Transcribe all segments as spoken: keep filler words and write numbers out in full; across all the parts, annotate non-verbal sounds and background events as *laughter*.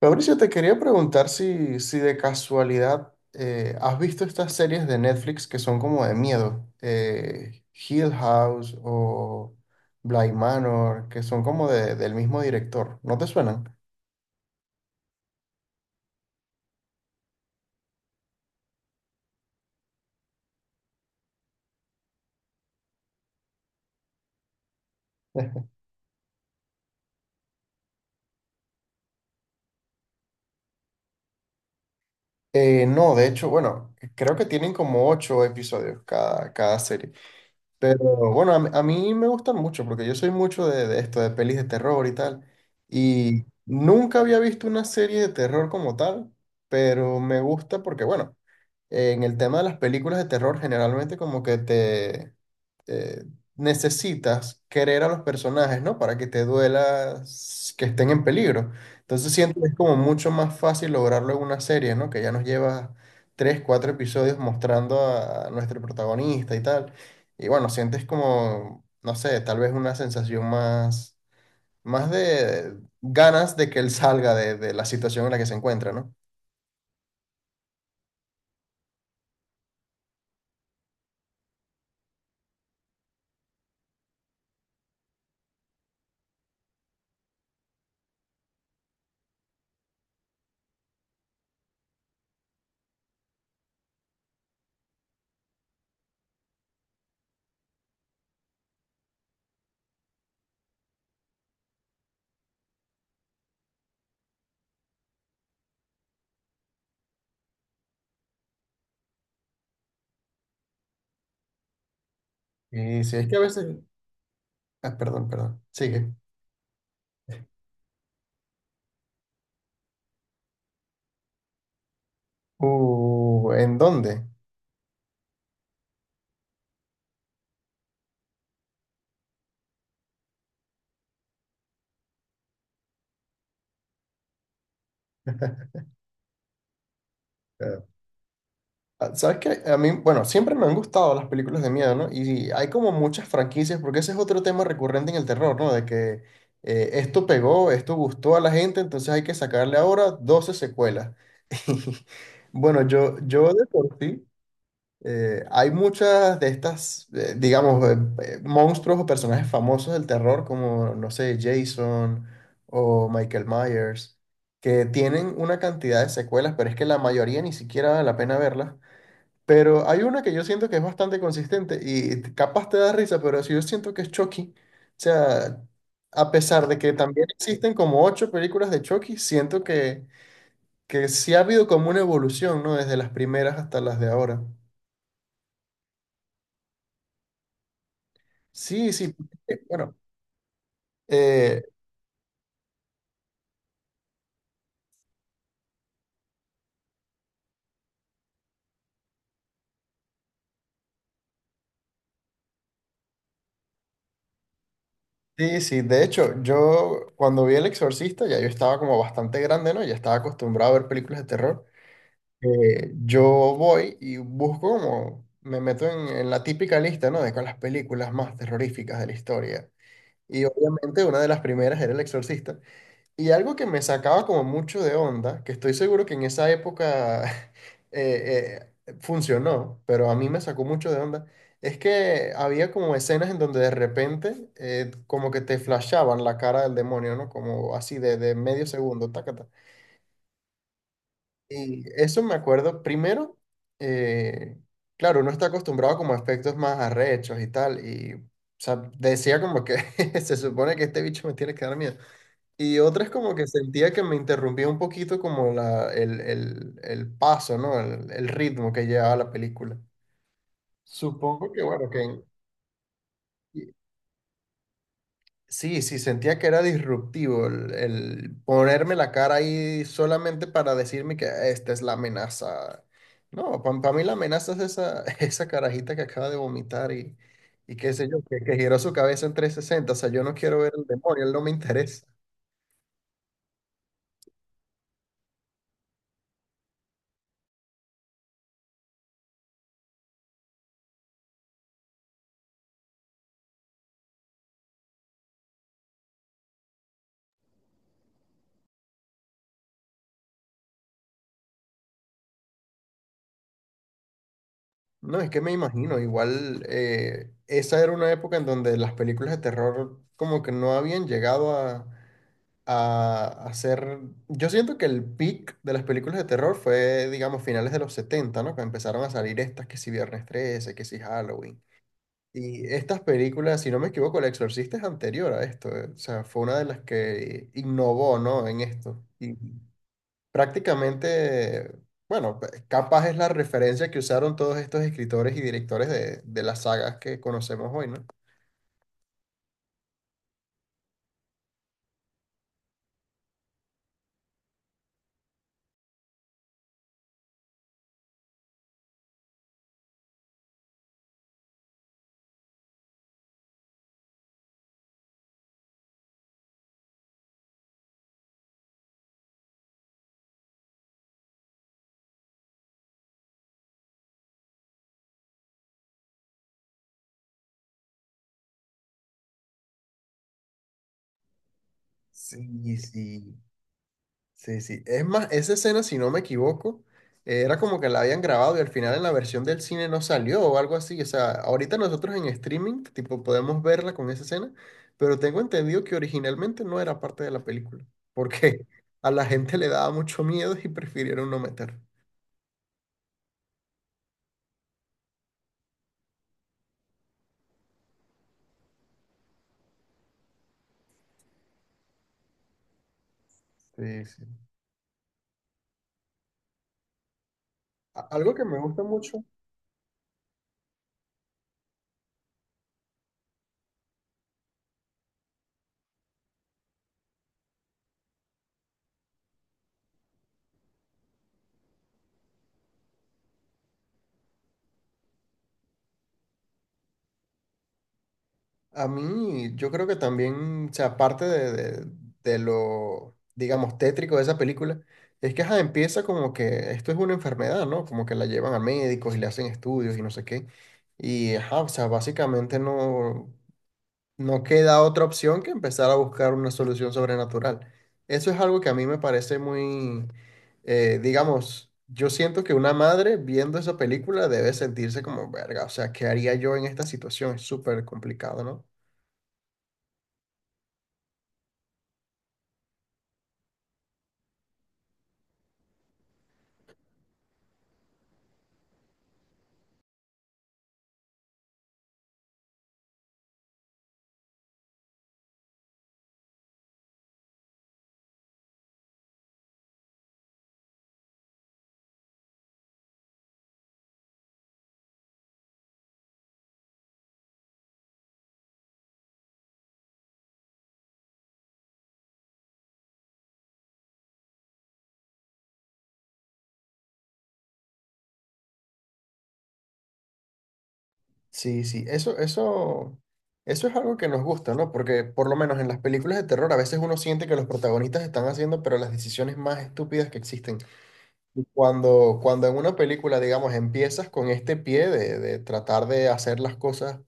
Fabricio, te quería preguntar si, si de casualidad eh, has visto estas series de Netflix que son como de miedo, eh, Hill House o Bly Manor, que son como de- del mismo director, ¿no te suenan? Eh, no, de hecho, bueno, creo que tienen como ocho episodios cada, cada serie, pero bueno, a, mí a mí me gustan mucho porque yo soy mucho de, de esto, de pelis de terror y tal, y nunca había visto una serie de terror como tal, pero me gusta porque, bueno, en el tema de las películas de terror, generalmente como que te eh, necesitas querer a los personajes, ¿no? Para que te duela s- que estén en peligro. Entonces siento que es como mucho más fácil lograrlo en una serie, ¿no? Que ya nos lleva tres, cuatro episodios mostrando a, a nuestro protagonista y tal. Y bueno, sientes como, no sé, tal vez una sensación más, más de ganas de que él salga de, de la situación en la que se encuentra, ¿no? Y si es que a veces... Ah, perdón, perdón. Sigue. Uh, ¿en dónde? Eh, ah, ¿Sabes qué? A mí, bueno, siempre me han gustado las películas de miedo, ¿no? Y hay como muchas franquicias, porque ese es otro tema recurrente en el terror, ¿no? De que eh, esto pegó, esto gustó a la gente, entonces hay que sacarle ahora doce secuelas. *laughs* Y bueno, yo, yo de por sí, Eh, hay muchas de estas, eh, digamos, eh, eh, monstruos o personajes famosos del terror, como, no sé, Jason o Michael Myers, que tienen una cantidad de secuelas, pero es que la mayoría ni siquiera vale la pena verlas. Pero hay una que yo siento que es bastante consistente y t- capaz te da risa, pero si yo siento que es Chucky. O sea, a pesar de que también existen como ocho películas de Chucky, siento que, que sí ha habido como una evolución, ¿no? Desde las primeras hasta las de ahora. Sí, sí, porque, bueno, eh, sí, sí, de hecho, yo cuando vi El Exorcista, ya yo estaba como bastante grande, ¿no? Ya estaba acostumbrado a ver películas de terror. Eh, yo voy y busco como, me meto en, en la típica lista, ¿no? De con las películas más terroríficas de la historia. Y obviamente una de las primeras era El Exorcista. Y algo que me sacaba como mucho de onda, que estoy seguro que en esa época *laughs* eh, eh, funcionó, pero a mí me sacó mucho de onda, es que había como escenas en donde de repente eh, como que te flashaban la cara del demonio, ¿no? Como así de, de medio segundo, tácata. Y eso me acuerdo, primero, eh, claro, uno está acostumbrado como a efectos más arrechos y tal, y o sea, decía como que *laughs* se supone que este bicho me tiene que dar miedo. Y otras como que sentía que me interrumpía un poquito como la, el, el, el paso, ¿no? El, el ritmo que llevaba la película. Supongo que, bueno, que en- y- sí, sí, sentía que era disruptivo el, el ponerme la cara ahí solamente para decirme que esta es la amenaza. No, para mí la amenaza es esa, *laughs* esa carajita que acaba de vomitar y, y qué sé yo, que, que giró su cabeza en trescientos sesenta. O sea, yo no quiero ver el demonio, él no me interesa. No, es que me imagino, igual eh, esa era una época en donde las películas de terror como que no habían llegado a, a, a ser... Yo siento que el peak de las películas de terror fue, digamos, finales de los setenta, ¿no? Que empezaron a salir estas, que si Viernes trece, que si Halloween. Y estas películas, si no me equivoco, El Exorcista es anterior a esto, eh, o sea, fue una de las que innovó, ¿no? En esto. Prácticamente, bueno, pe- capaz es la referencia que usaron todos estos escritores y directores de, de las sagas que conocemos hoy, ¿no? Sí, sí. Sí, sí. Es más, esa escena, si no me equivoco, eh, era como que la habían grabado y al final en la versión del cine no salió o algo así. O sea, ahorita nosotros en streaming, tipo, podemos verla con esa escena, pero tengo entendido que originalmente no era parte de la película, porque *laughs* a la gente le daba mucho miedo y prefirieron no meter. Sí, sí. A- Algo que me gusta mucho. A mí, yo creo que también, o sea, aparte de, de- de lo, digamos, tétrico de esa película, es que ajá, empieza como que esto es una enfermedad, ¿no? Como que la llevan a médicos y le hacen estudios y no sé qué. Y, ajá, o sea, básicamente no, no queda otra opción que empezar a buscar una solución sobrenatural. Eso es algo que a mí me parece muy, eh, digamos, yo siento que una madre viendo esa película debe sentirse como, verga, o sea, ¿qué haría yo en esta situación? Es súper complicado, ¿no? Sí, sí, eso, eso, eso es algo que nos gusta, ¿no? Porque por lo menos en las películas de terror a veces uno siente que los protagonistas están haciendo, pero las decisiones más estúpidas que existen. Y Cuando, cuando en una película, digamos, empiezas con este pie de, de tratar de hacer las cosas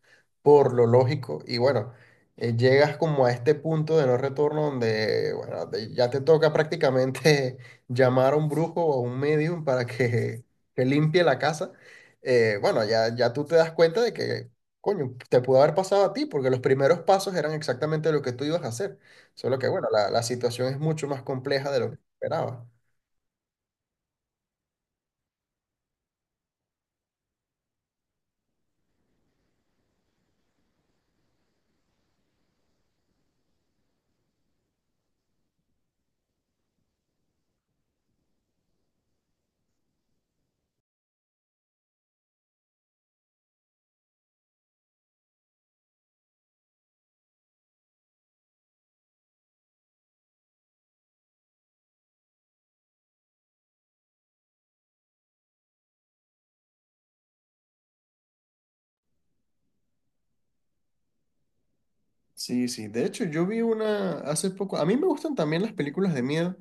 por lo lógico y bueno, eh, llegas como a este punto de no retorno donde, bueno, de- ya te toca prácticamente *laughs* llamar a un brujo o a un medium para que, que limpie la casa, eh, bueno, ya, ya tú te das cuenta de que, coño, te pudo haber pasado a ti porque los primeros pasos eran exactamente lo que tú ibas a hacer, solo que bueno, la, la situación es mucho más compleja de lo que esperabas. Sí, sí. De hecho, yo vi una hace poco. A mí me gustan también las películas de miedo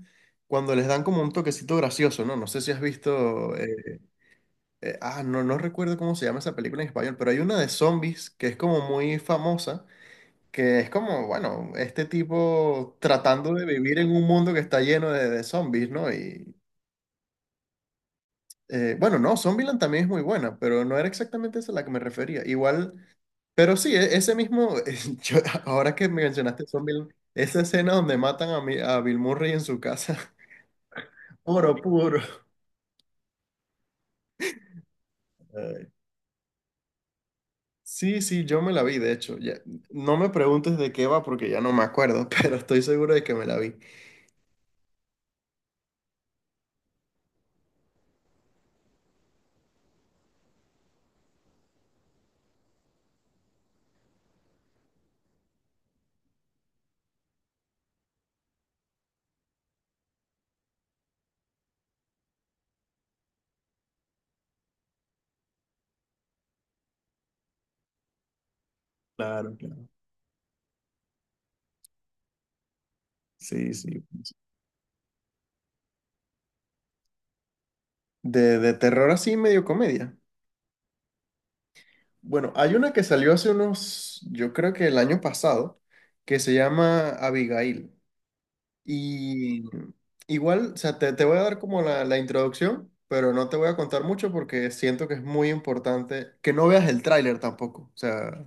cuando les dan como un toquecito gracioso, ¿no? No sé si has visto. Eh, eh, ah, no, no recuerdo cómo se llama esa película en español, pero hay una de zombies que es como muy famosa, que es como, bueno, este tipo tratando de vivir en un mundo que está lleno de, de zombies, ¿no? Y eh, bueno, no, Zombieland también es muy buena, pero no era exactamente esa a la que me refería. Igual. Pero sí, e- ese mismo, *laughs* yo- ahora que me mencionaste Zombieland, esa escena donde matan a, mi- a Bill Murray en su casa, *laughs* oro puro. Ay. Sí, sí, yo me la vi, de hecho. Ya- no me preguntes de qué va porque ya no me acuerdo, *laughs* pero estoy seguro de que me la vi. Claro, claro. Sí, sí. De, de terror así, medio comedia. Bueno, hay una que salió hace unos, yo creo que el año pasado, que se llama Abigail. Y igual, o sea, te, te voy a dar como la, la introducción, pero no te voy a contar mucho porque siento que es muy importante que no veas el tráiler tampoco, o sea,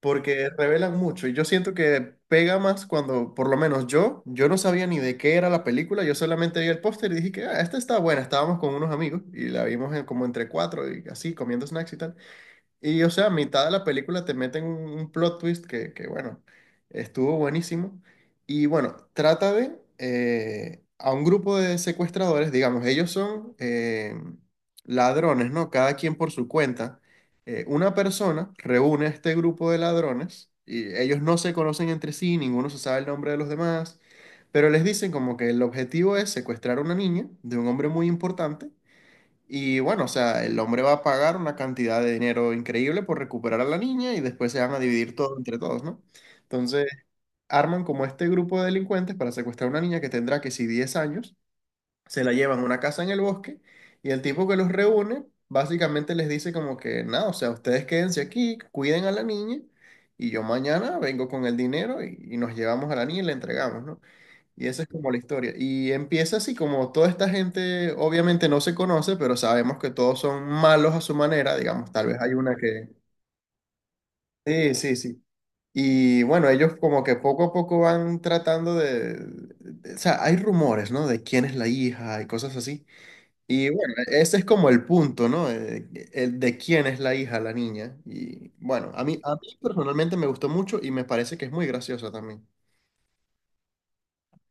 porque revelan mucho y yo siento que pega más cuando, por lo menos yo, yo no sabía ni de qué era la película, yo solamente vi el póster y dije que, ah, esta está buena, estábamos con unos amigos y la vimos en- como entre cuatro y así, comiendo snacks y tal. Y o sea, a mitad de la película te meten un un plot twist que, que, bueno, estuvo buenísimo. Y bueno, trata de eh, a un grupo de secuestradores, digamos, ellos son eh, ladrones, ¿no? Cada quien por su cuenta. Eh, una persona reúne a este grupo de ladrones y ellos no se conocen entre sí, ninguno se sabe el nombre de los demás, pero les dicen como que el objetivo es secuestrar a una niña de un hombre muy importante y bueno, o sea, el hombre va a pagar una cantidad de dinero increíble por recuperar a la niña y después se van a dividir todo entre todos, ¿no? Entonces, arman como este grupo de delincuentes para secuestrar a una niña que tendrá que si diez años, se la llevan a una casa en el bosque y el tipo que los reúne básicamente les dice como que, nada, o sea, ustedes quédense aquí, cuiden a la niña y yo mañana vengo con el dinero y, y nos llevamos a la niña y la entregamos, ¿no? Y esa es como la historia. Y empieza así como toda esta gente obviamente no se conoce, pero sabemos que todos son malos a su manera, digamos, tal vez hay una que... Sí, sí, sí. Y bueno, ellos como que poco a poco van tratando de... de- O sea, hay rumores, ¿no? De quién es la hija y cosas así. Y bueno, ese es como el punto, ¿no? Eh, el de quién es la hija, la niña. Y bueno, a mí, a mí personalmente me gustó mucho y me parece que es muy graciosa también.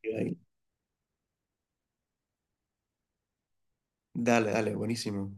Ahí. Dale, dale, buenísimo.